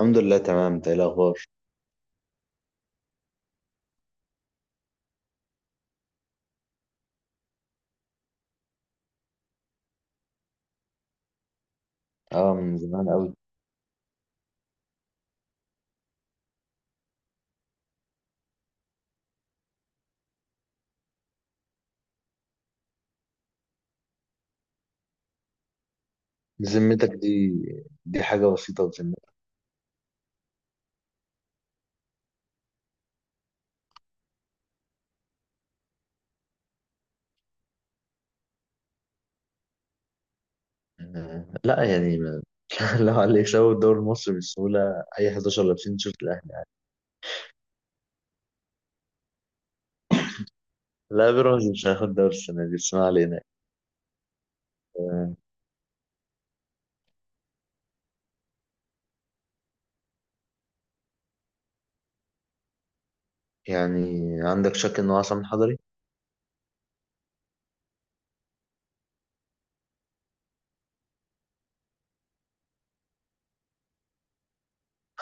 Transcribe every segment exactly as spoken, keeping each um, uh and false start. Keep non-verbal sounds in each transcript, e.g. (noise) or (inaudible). الحمد لله، تمام. انت ايه الاخبار؟ اه، من زمان قوي. ذمتك دي، دي حاجه بسيطه بذمتك؟ آه، لا، يعني ما- (laughs) لو على اللي يكسبوا الدوري المصري بسهوله اي أحد عشر لابسين تيشيرت الاهلي. لا، بيراميدز مش هياخد الدوري السنه دي، بس ما علينا. آه، يعني عندك شك انه عصام حضري؟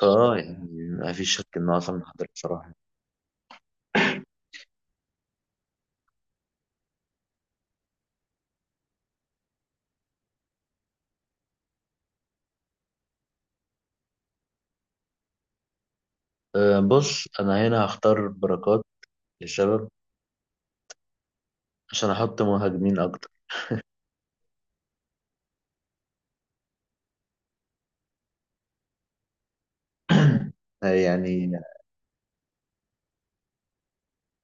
اه، يعني ما فيش شك انه عصام حضري بصراحه. آه، بص، انا هنا هختار بركات للشباب عشان احط مهاجمين اكتر. (clears throat) آه، يعني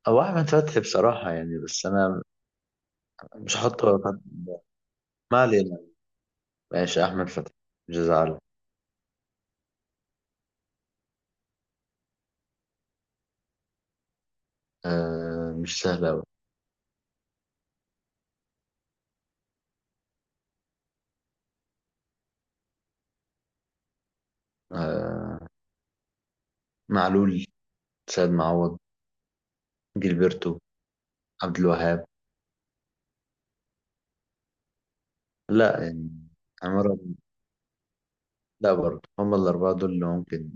او احمد فتحي بصراحه، يعني، بس انا مش هحط بركات. ما علينا. ماشي، أحمد فتحي، مش زعل. آه، مش سهل أوي. آه، معلول، سيد معوض، جilberto، عبد الوهاب. لا، يعني، عمرو. لا، برضه هم الأربعة دول اللي ممكن.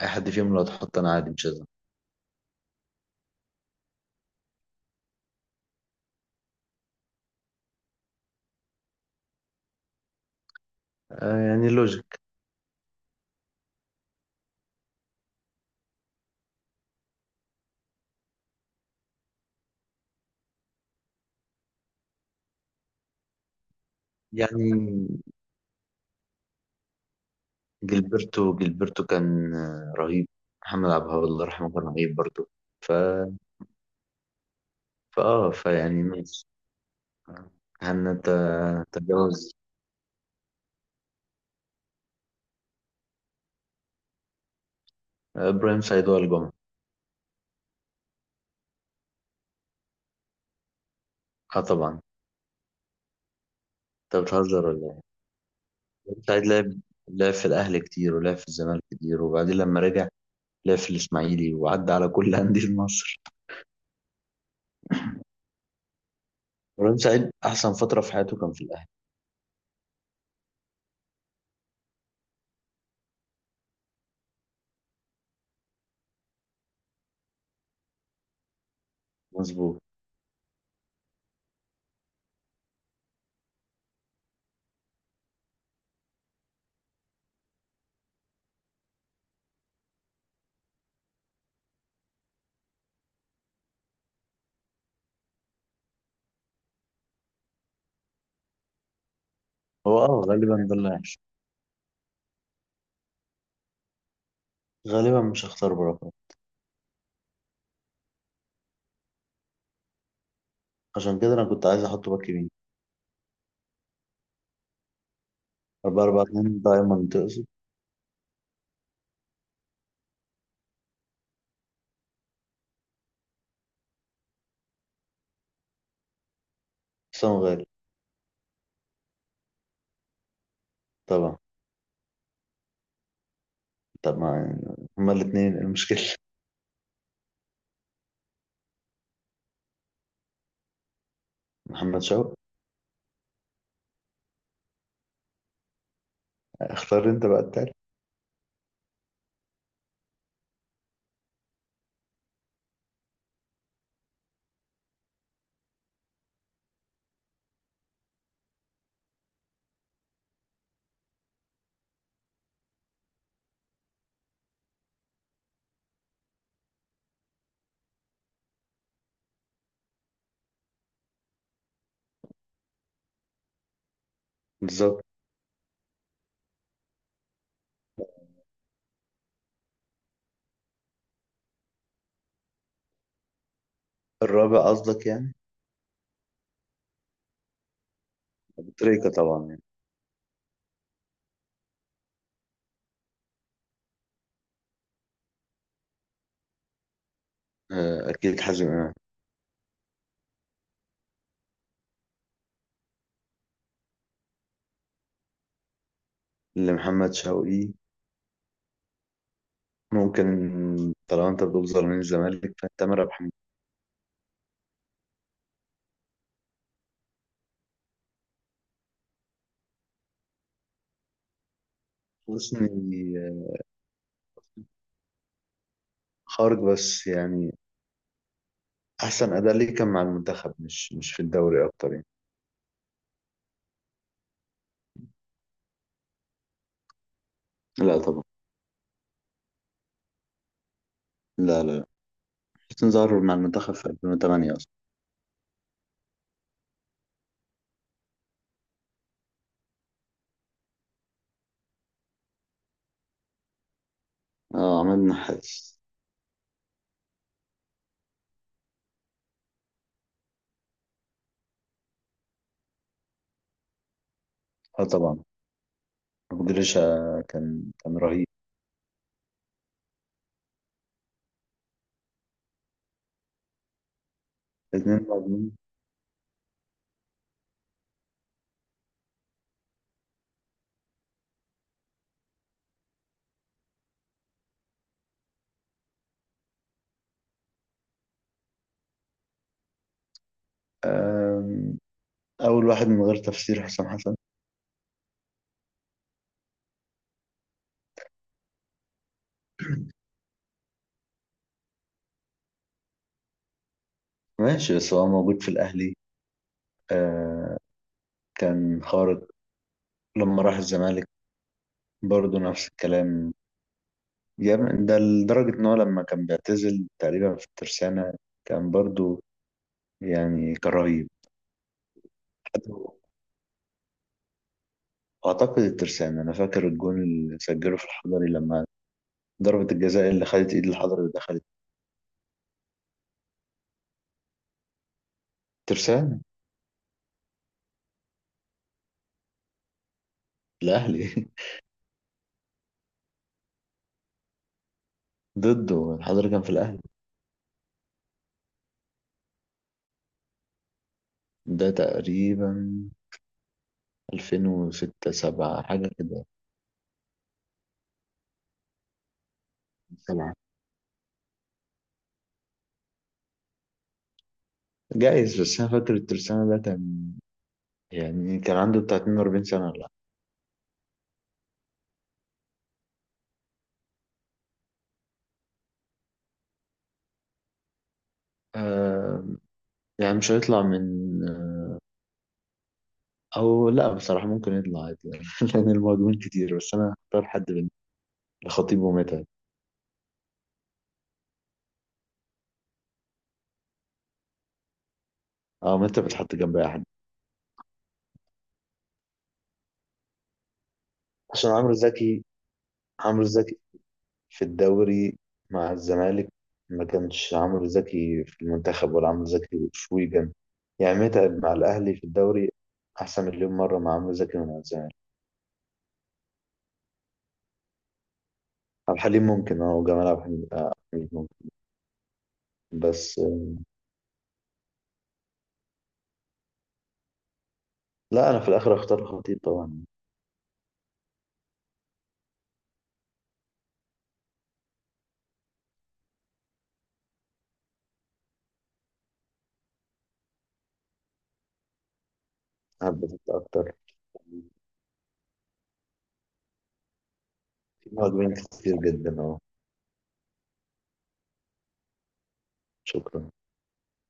أي حد فيهم لو اتحط أنا عادي، مش هزعل. آه، يعني لوجيك. يعني جilberto جilberto كان آه، رهيب. محمد عبد الوهاب الله يرحمه كان رهيب برضه. ف فآه فيعني ماشي. هنتجاوز. آه، إبراهيم سعيد، وائل جمعة. اه، طبعا. انت بتهزر ولا إيه؟ سعيد لعب لعب في الأهلي كتير، ولعب في الزمالك كتير، وبعدين لما رجع لعب في الإسماعيلي وعدى على كل (laughs) أندية مصر. إبراهيم سعيد أحسن فترة في حياته كان في الأهلي. مظبوط. هو أه غالبا ده اللي هيحصل. غالبا مش هختار بركات. عشان كده أنا كنت عايز أحطه باك يمين. أربعة أربعة اتنين دايما تقصد؟ حسام غالي. طبعا. طب ما هما الاتنين، إيه المشكلة؟ (laughs) محمد شوقي. اختار أنت بقى التالت. بالظبط. الرابع قصدك يعني؟ تريكة طبعا، يعني. آه، أكيد حازم إمام. لمحمد شوقي، ممكن. طالما انت بتقول زرمين الزمالك فانت ربح. حسني. خارج، بس يعني احسن اداء ليه كان مع المنتخب، مش مش في الدوري اكتر يعني. لا، طبعا. لا، لا، لا. حسين ظهر مع المنتخب في ألفين وتمانية أصلا. اه، عماد النحاس. اه، طبعا، مقدرش. كان كان رهيب. الاثنين مهاجمين. آم، اول واحد من غير تفسير حسام حسن. ماشي، بس هو موجود في الاهلي. آه، كان خارق. لما راح الزمالك برضه نفس الكلام. جامد ده لدرجة إن هو لما كان بيعتزل تقريبا في الترسانة كان برضو يعني كرهيب. أعتقد الترسانة. أنا فاكر الجون اللي سجله في الحضري لما ضربة الجزاء اللي خدت إيد الحضري ودخلت. ترسانة. الأهلي. (laughs) ضده، الحضري كان في الأهلي. ده تقريبا ألفين وستة، سبعة، حاجة كده. سبعة. جايز، بس أنا فاكر الترسانة ده كان يعني كان عنده بتاع اتنين وأربعين سنة ولا لأ. آه يعني مش هيطلع من... او لا، بصراحة ممكن يطلع عادي يعني، (laughs) لان المهاجمين كتير، بس انا اختار حد من الخطيب ومتعب. اه، متعب بتحط جنب اي حد. عشان عمرو زكي، عمرو زكي في الدوري مع الزمالك، ما كانش عمرو زكي في المنتخب ولا عمرو زكي في ويجن. يعني متعب مع الاهلي في الدوري احسن مليون مرة مع عمرو زكي ومع الزمالك. عبد الحليم ممكن، اه وجمال عبد الحليم، آه، عبد الحليم ممكن. بس آه، لا، انا في الاخر اختار الخطيب طبعا. حبيت اكتر. في مهاجمين كتير جدا، اه. شكرا.